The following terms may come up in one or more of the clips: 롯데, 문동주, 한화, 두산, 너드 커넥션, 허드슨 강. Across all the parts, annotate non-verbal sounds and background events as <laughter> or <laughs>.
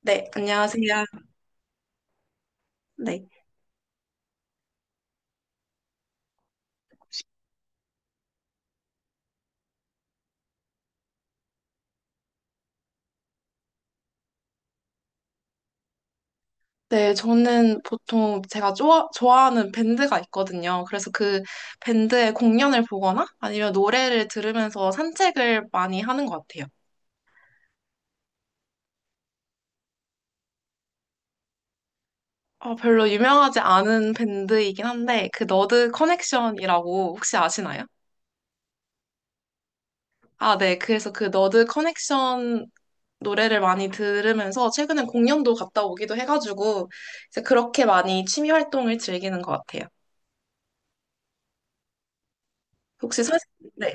네, 안녕하세요. 네. 네, 저는 보통 제가 좋아하는 밴드가 있거든요. 그래서 그 밴드의 공연을 보거나 아니면 노래를 들으면서 산책을 많이 하는 것 같아요. 별로 유명하지 않은 밴드이긴 한데, 그 너드 커넥션이라고 혹시 아시나요? 아, 네. 그래서 그 너드 커넥션 노래를 많이 들으면서 최근에 공연도 갔다 오기도 해가지고, 이제 그렇게 많이 취미 활동을 즐기는 것 같아요. 혹시 선, 네.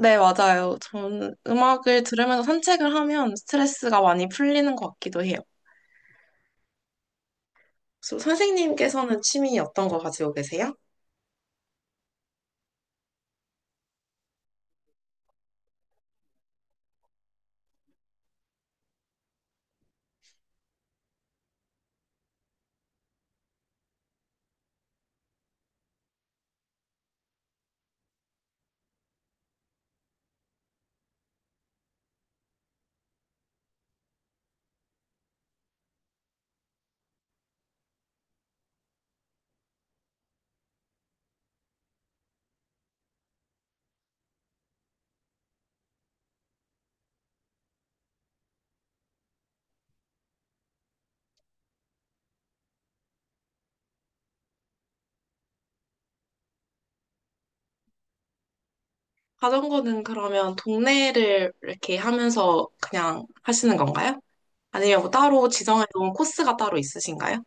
네, 맞아요. 저는 음악을 들으면서 산책을 하면 스트레스가 많이 풀리는 것 같기도 해요. 선생님께서는 취미 어떤 거 가지고 계세요? 자전거는 그러면 동네를 이렇게 하면서 그냥 하시는 건가요? 아니면 뭐 따로 지정해 놓은 코스가 따로 있으신가요?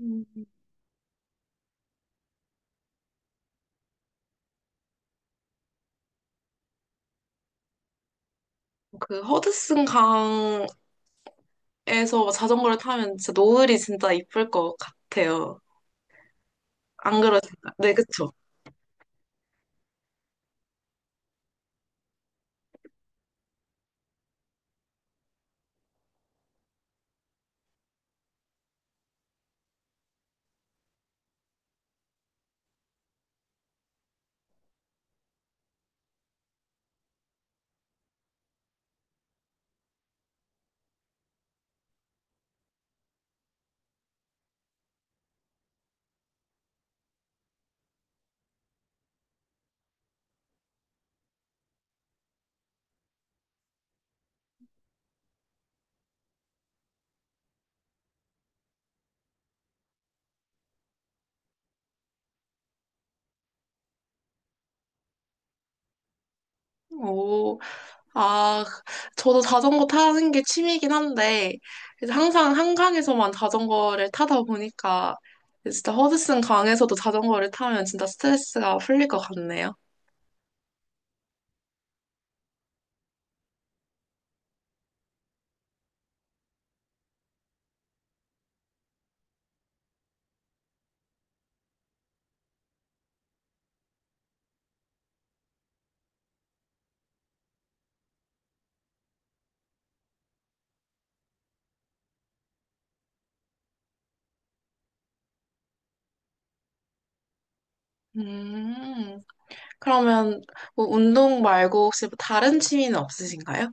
음. 그 허드슨 강에서 자전거를 타면 진짜 노을이 진짜 이쁠 것 같아요. 안 그러신가요? 네, 그쵸? 오, 아, 저도 자전거 타는 게 취미이긴 한데, 이제 항상 한강에서만 자전거를 타다 보니까, 진짜 허드슨 강에서도 자전거를 타면 진짜 스트레스가 풀릴 것 같네요. 음, 그러면 뭐 운동 말고 혹시 뭐 다른 취미는 없으신가요?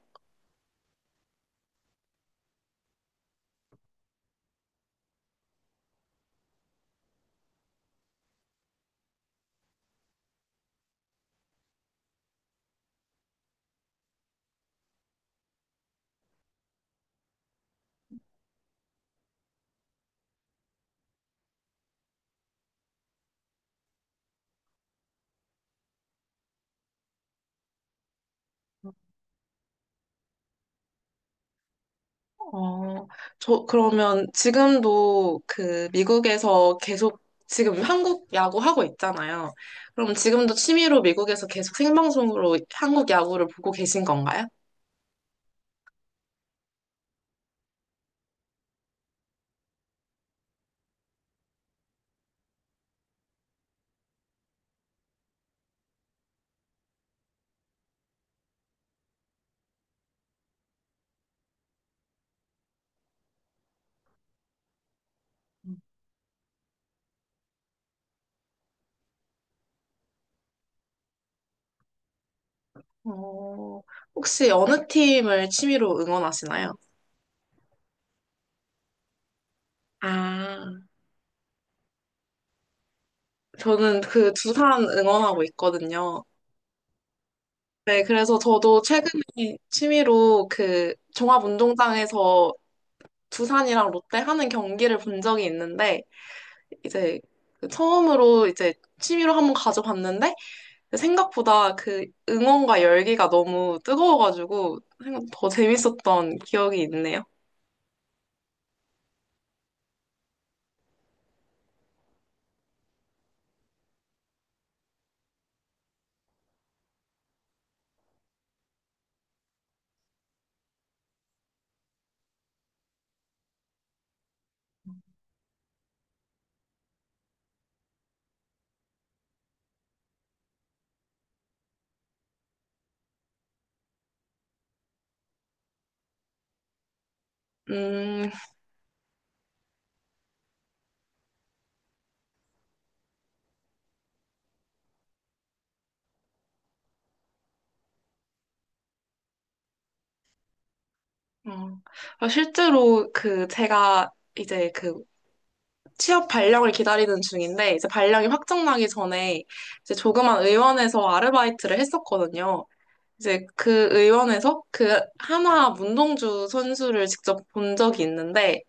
어, 저, 그러면 지금도 그 미국에서 계속 지금 한국 야구 하고 있잖아요. 그럼 지금도 취미로 미국에서 계속 생방송으로 한국 야구를 보고 계신 건가요? 어, 혹시 어느 팀을 취미로 응원하시나요? 아, 저는 그 두산 응원하고 있거든요. 네, 그래서 저도 최근에 취미로 그 종합운동장에서 두산이랑 롯데 하는 경기를 본 적이 있는데, 이제 그 처음으로 이제 취미로 한번 가져봤는데, 생각보다 그 응원과 열기가 너무 뜨거워가지고, 생각 더 재밌었던 기억이 있네요. 음, 어, 실제로 그 제가 이제 그 취업 발령을 기다리는 중인데 이제 발령이 확정나기 전에 이제 조그만 의원에서 아르바이트를 했었거든요. 이제 그 의원에서 그 한화 문동주 선수를 직접 본 적이 있는데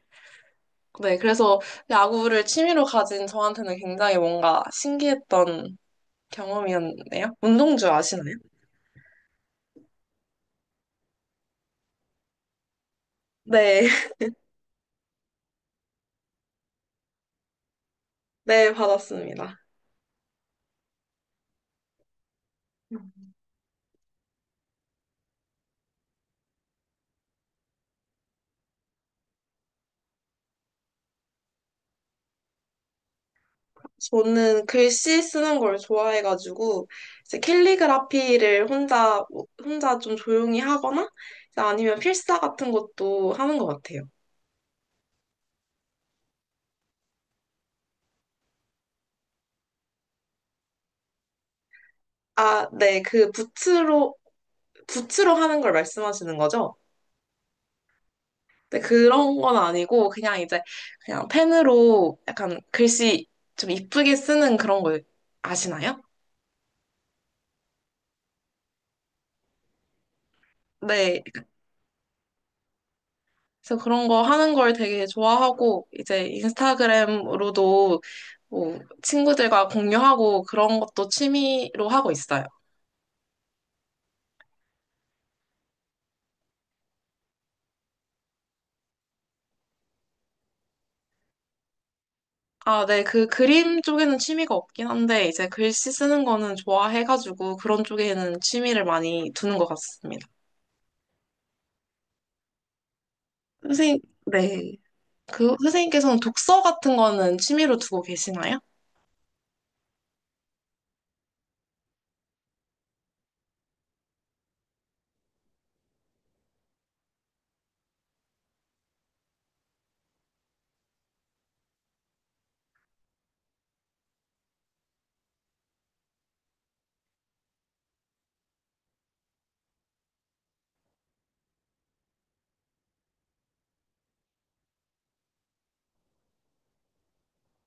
네, 그래서 야구를 취미로 가진 저한테는 굉장히 뭔가 신기했던 경험이었네요. 문동주 아시나요? 네, <laughs> 네, 받았습니다. 저는 글씨 쓰는 걸 좋아해가지고 이제 캘리그라피를 혼자 좀 조용히 하거나 이제 아니면 필사 같은 것도 하는 것 같아요. 아, 네, 그 붓으로 하는 걸 말씀하시는 거죠? 네, 그런 건 아니고 그냥 이제 그냥 펜으로 약간 글씨 좀 이쁘게 쓰는 그런 거 아시나요? 네, 그래서 그런 거 하는 걸 되게 좋아하고, 이제 인스타그램으로도 뭐 친구들과 공유하고 그런 것도 취미로 하고 있어요. 아, 네. 그 그림 쪽에는 취미가 없긴 한데, 이제 글씨 쓰는 거는 좋아해가지고 그런 쪽에는 취미를 많이 두는 것 같습니다. 선생님, 네. 그 선생님께서는 독서 같은 거는 취미로 두고 계시나요?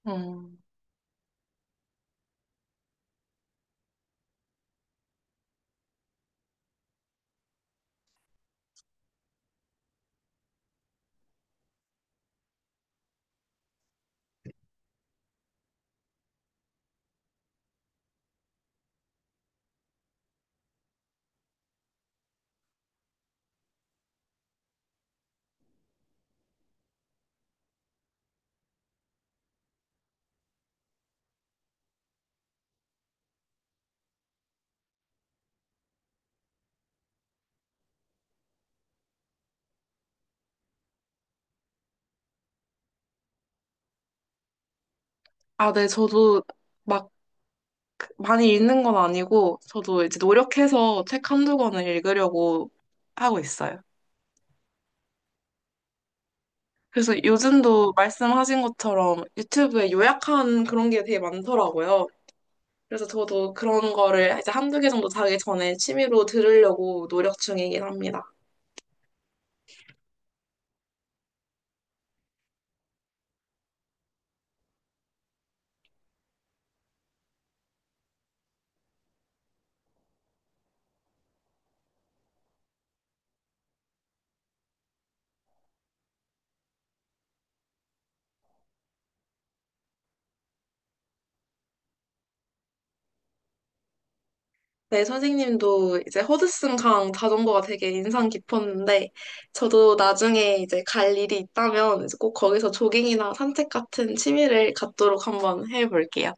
음. 아, 네. 저도 막 많이 읽는 건 아니고, 저도 이제 노력해서 책 한두 권을 읽으려고 하고 있어요. 그래서 요즘도 말씀하신 것처럼 유튜브에 요약한 그런 게 되게 많더라고요. 그래서 저도 그런 거를 이제 한두 개 정도 자기 전에 취미로 들으려고 노력 중이긴 합니다. 네, 선생님도 이제 허드슨 강 자전거가 되게 인상 깊었는데, 저도 나중에 이제 갈 일이 있다면 이제 꼭 거기서 조깅이나 산책 같은 취미를 갖도록 한번 해볼게요.